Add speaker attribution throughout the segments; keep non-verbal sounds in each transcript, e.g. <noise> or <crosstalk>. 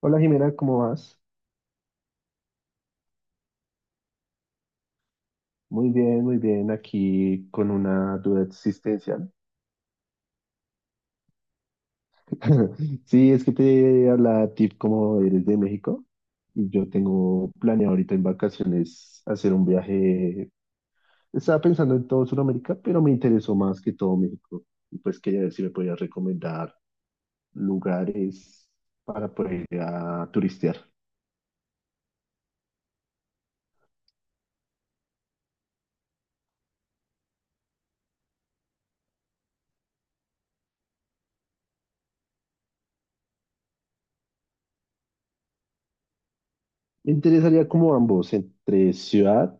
Speaker 1: Hola, Jimena, ¿cómo vas? Muy bien, aquí con una duda existencial. <laughs> Sí, es que te hablaba a ti como eres de México y yo tengo planeado ahorita en vacaciones hacer un viaje. Estaba pensando en todo Sudamérica, pero me interesó más que todo México. Y pues quería ver si me podías recomendar lugares para poder ir a turistear. Me interesaría como ambos, entre ciudad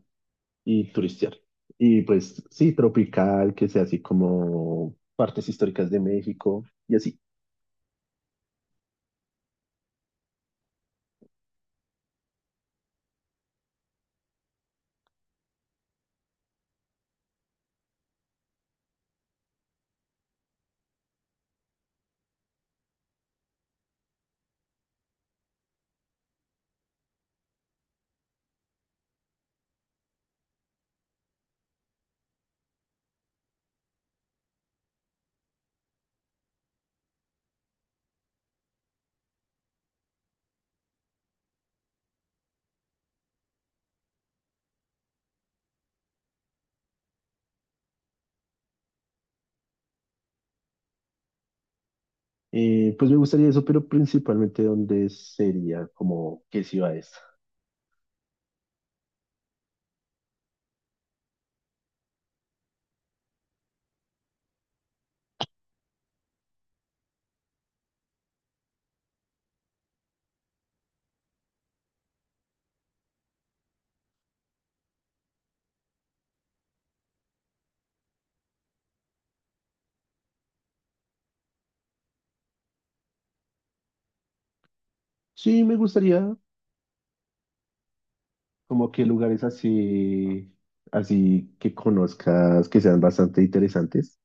Speaker 1: y turistear. Y pues sí, tropical, que sea así como partes históricas de México y así. Pues me gustaría eso, pero principalmente dónde sería, como qué ciudades. Sí, me gustaría como que lugares así, así que conozcas, que sean bastante interesantes.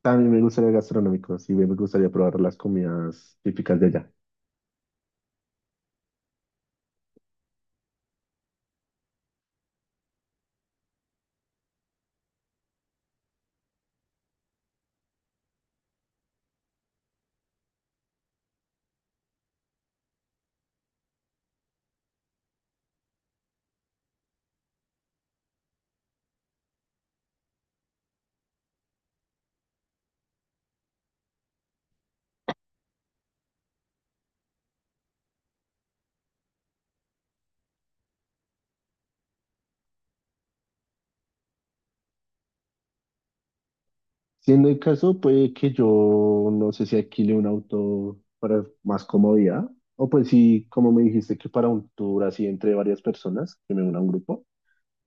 Speaker 1: También me gustaría gastronómicos y me gustaría probar las comidas típicas de allá. Siendo el caso, puede que yo no sé si alquile un auto para más comodidad, o pues sí, como me dijiste que para un tour así entre varias personas, que me una un grupo,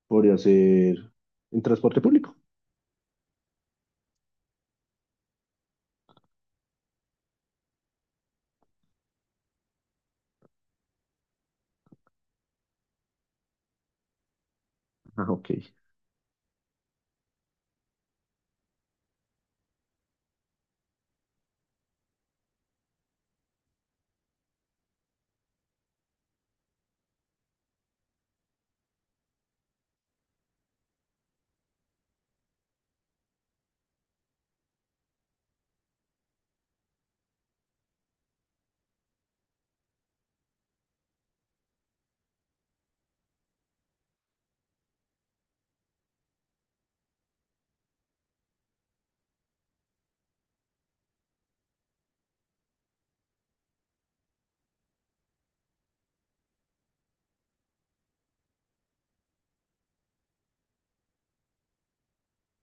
Speaker 1: podría ser en transporte público. Ah, ok,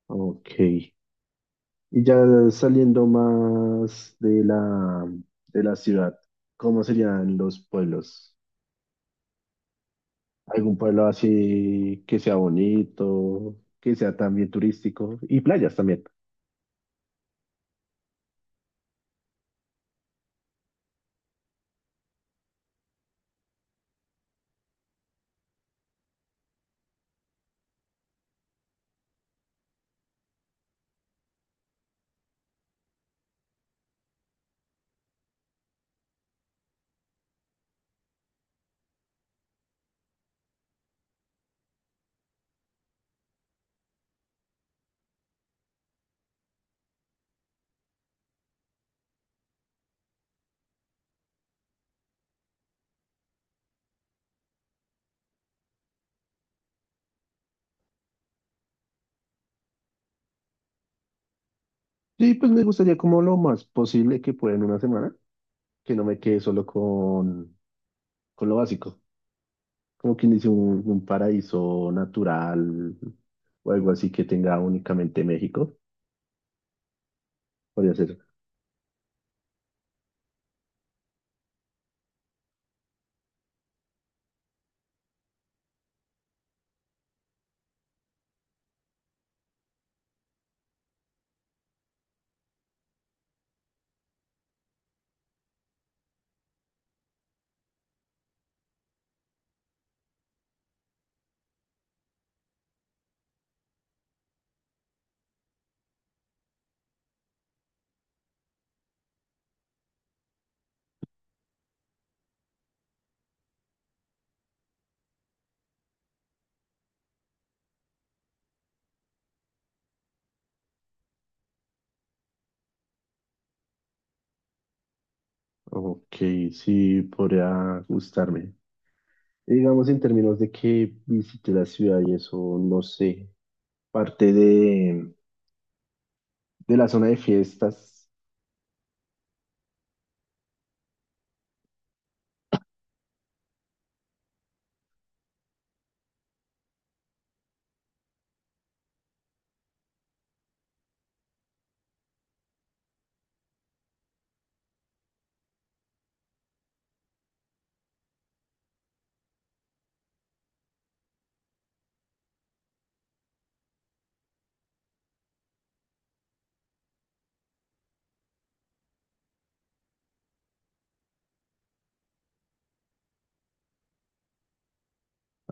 Speaker 1: ok. Y ya saliendo más de de la ciudad, ¿cómo serían los pueblos? ¿Algún pueblo así que sea bonito, que sea también turístico y playas también? Sí, pues me gustaría como lo más posible que pueda en una semana, que no me quede solo con lo básico, como quien dice un paraíso natural o algo así que tenga únicamente México, podría ser. Ok, sí, podría gustarme. Y digamos en términos de que visite la ciudad y eso, no sé, parte de la zona de fiestas.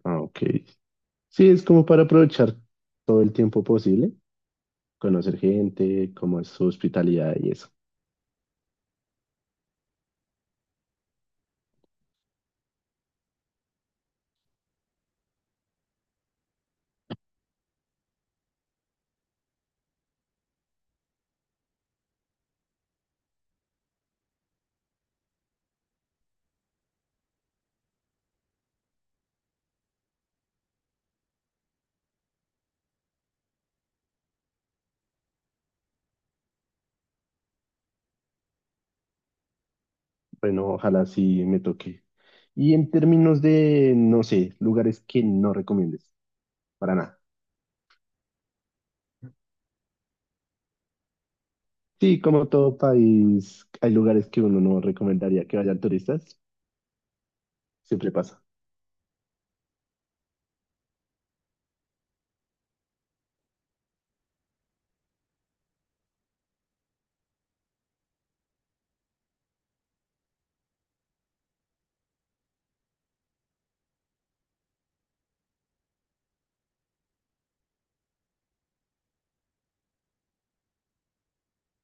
Speaker 1: Ah, ok. Sí, es como para aprovechar todo el tiempo posible, conocer gente, cómo es su hospitalidad y eso. Bueno, ojalá sí me toque. Y en términos de, no sé, lugares que no recomiendes, para nada. Sí, como todo país, hay lugares que uno no recomendaría que vayan turistas. Siempre pasa.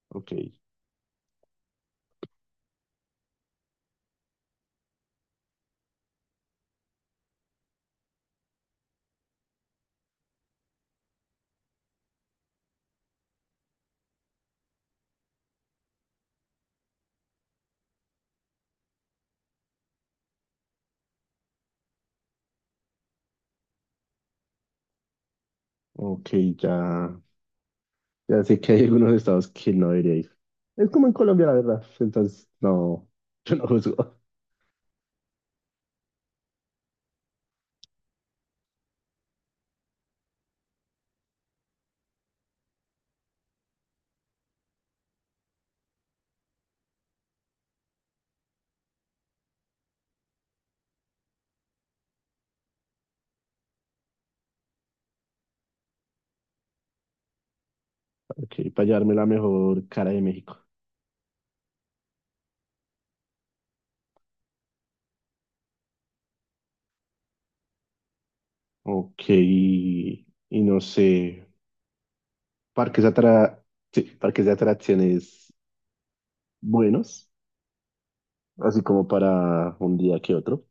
Speaker 1: Ok, ok, ya, ya sé que hay algunos estados que no debería ir. Es como en Colombia, la verdad. Entonces, no, <laughs> yo no juzgo. Ok, para llevarme la mejor cara de México. Ok, y no sé. parques atra- sí, parques de atracciones buenos, así como para un día que otro.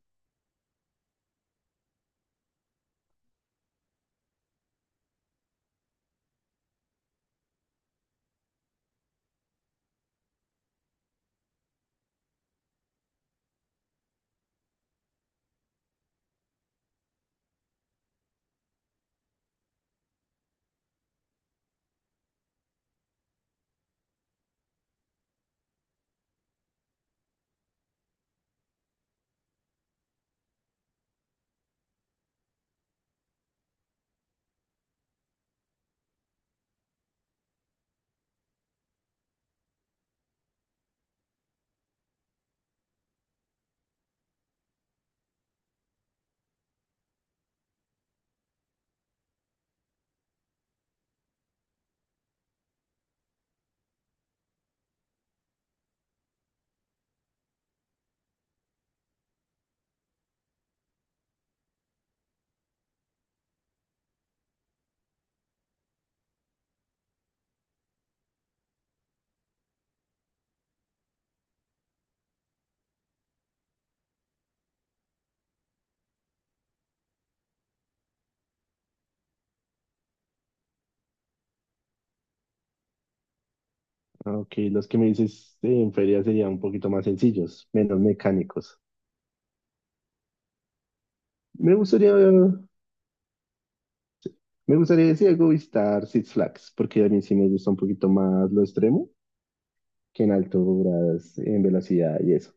Speaker 1: Aunque los que me dices en feria serían un poquito más sencillos, menos mecánicos. Me gustaría, Me gustaría decir algo, visitar Six Flags, porque a mí sí me gusta un poquito más lo extremo que en alturas, en velocidad y eso.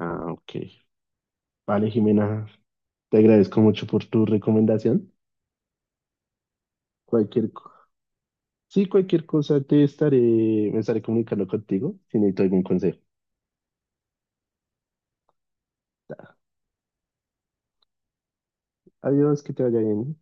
Speaker 1: Ah, ok. Vale, Jimena, te agradezco mucho por tu recomendación. Cualquier, co- sí, cualquier cosa me estaré comunicando contigo si necesito algún consejo. Adiós, que te vaya bien.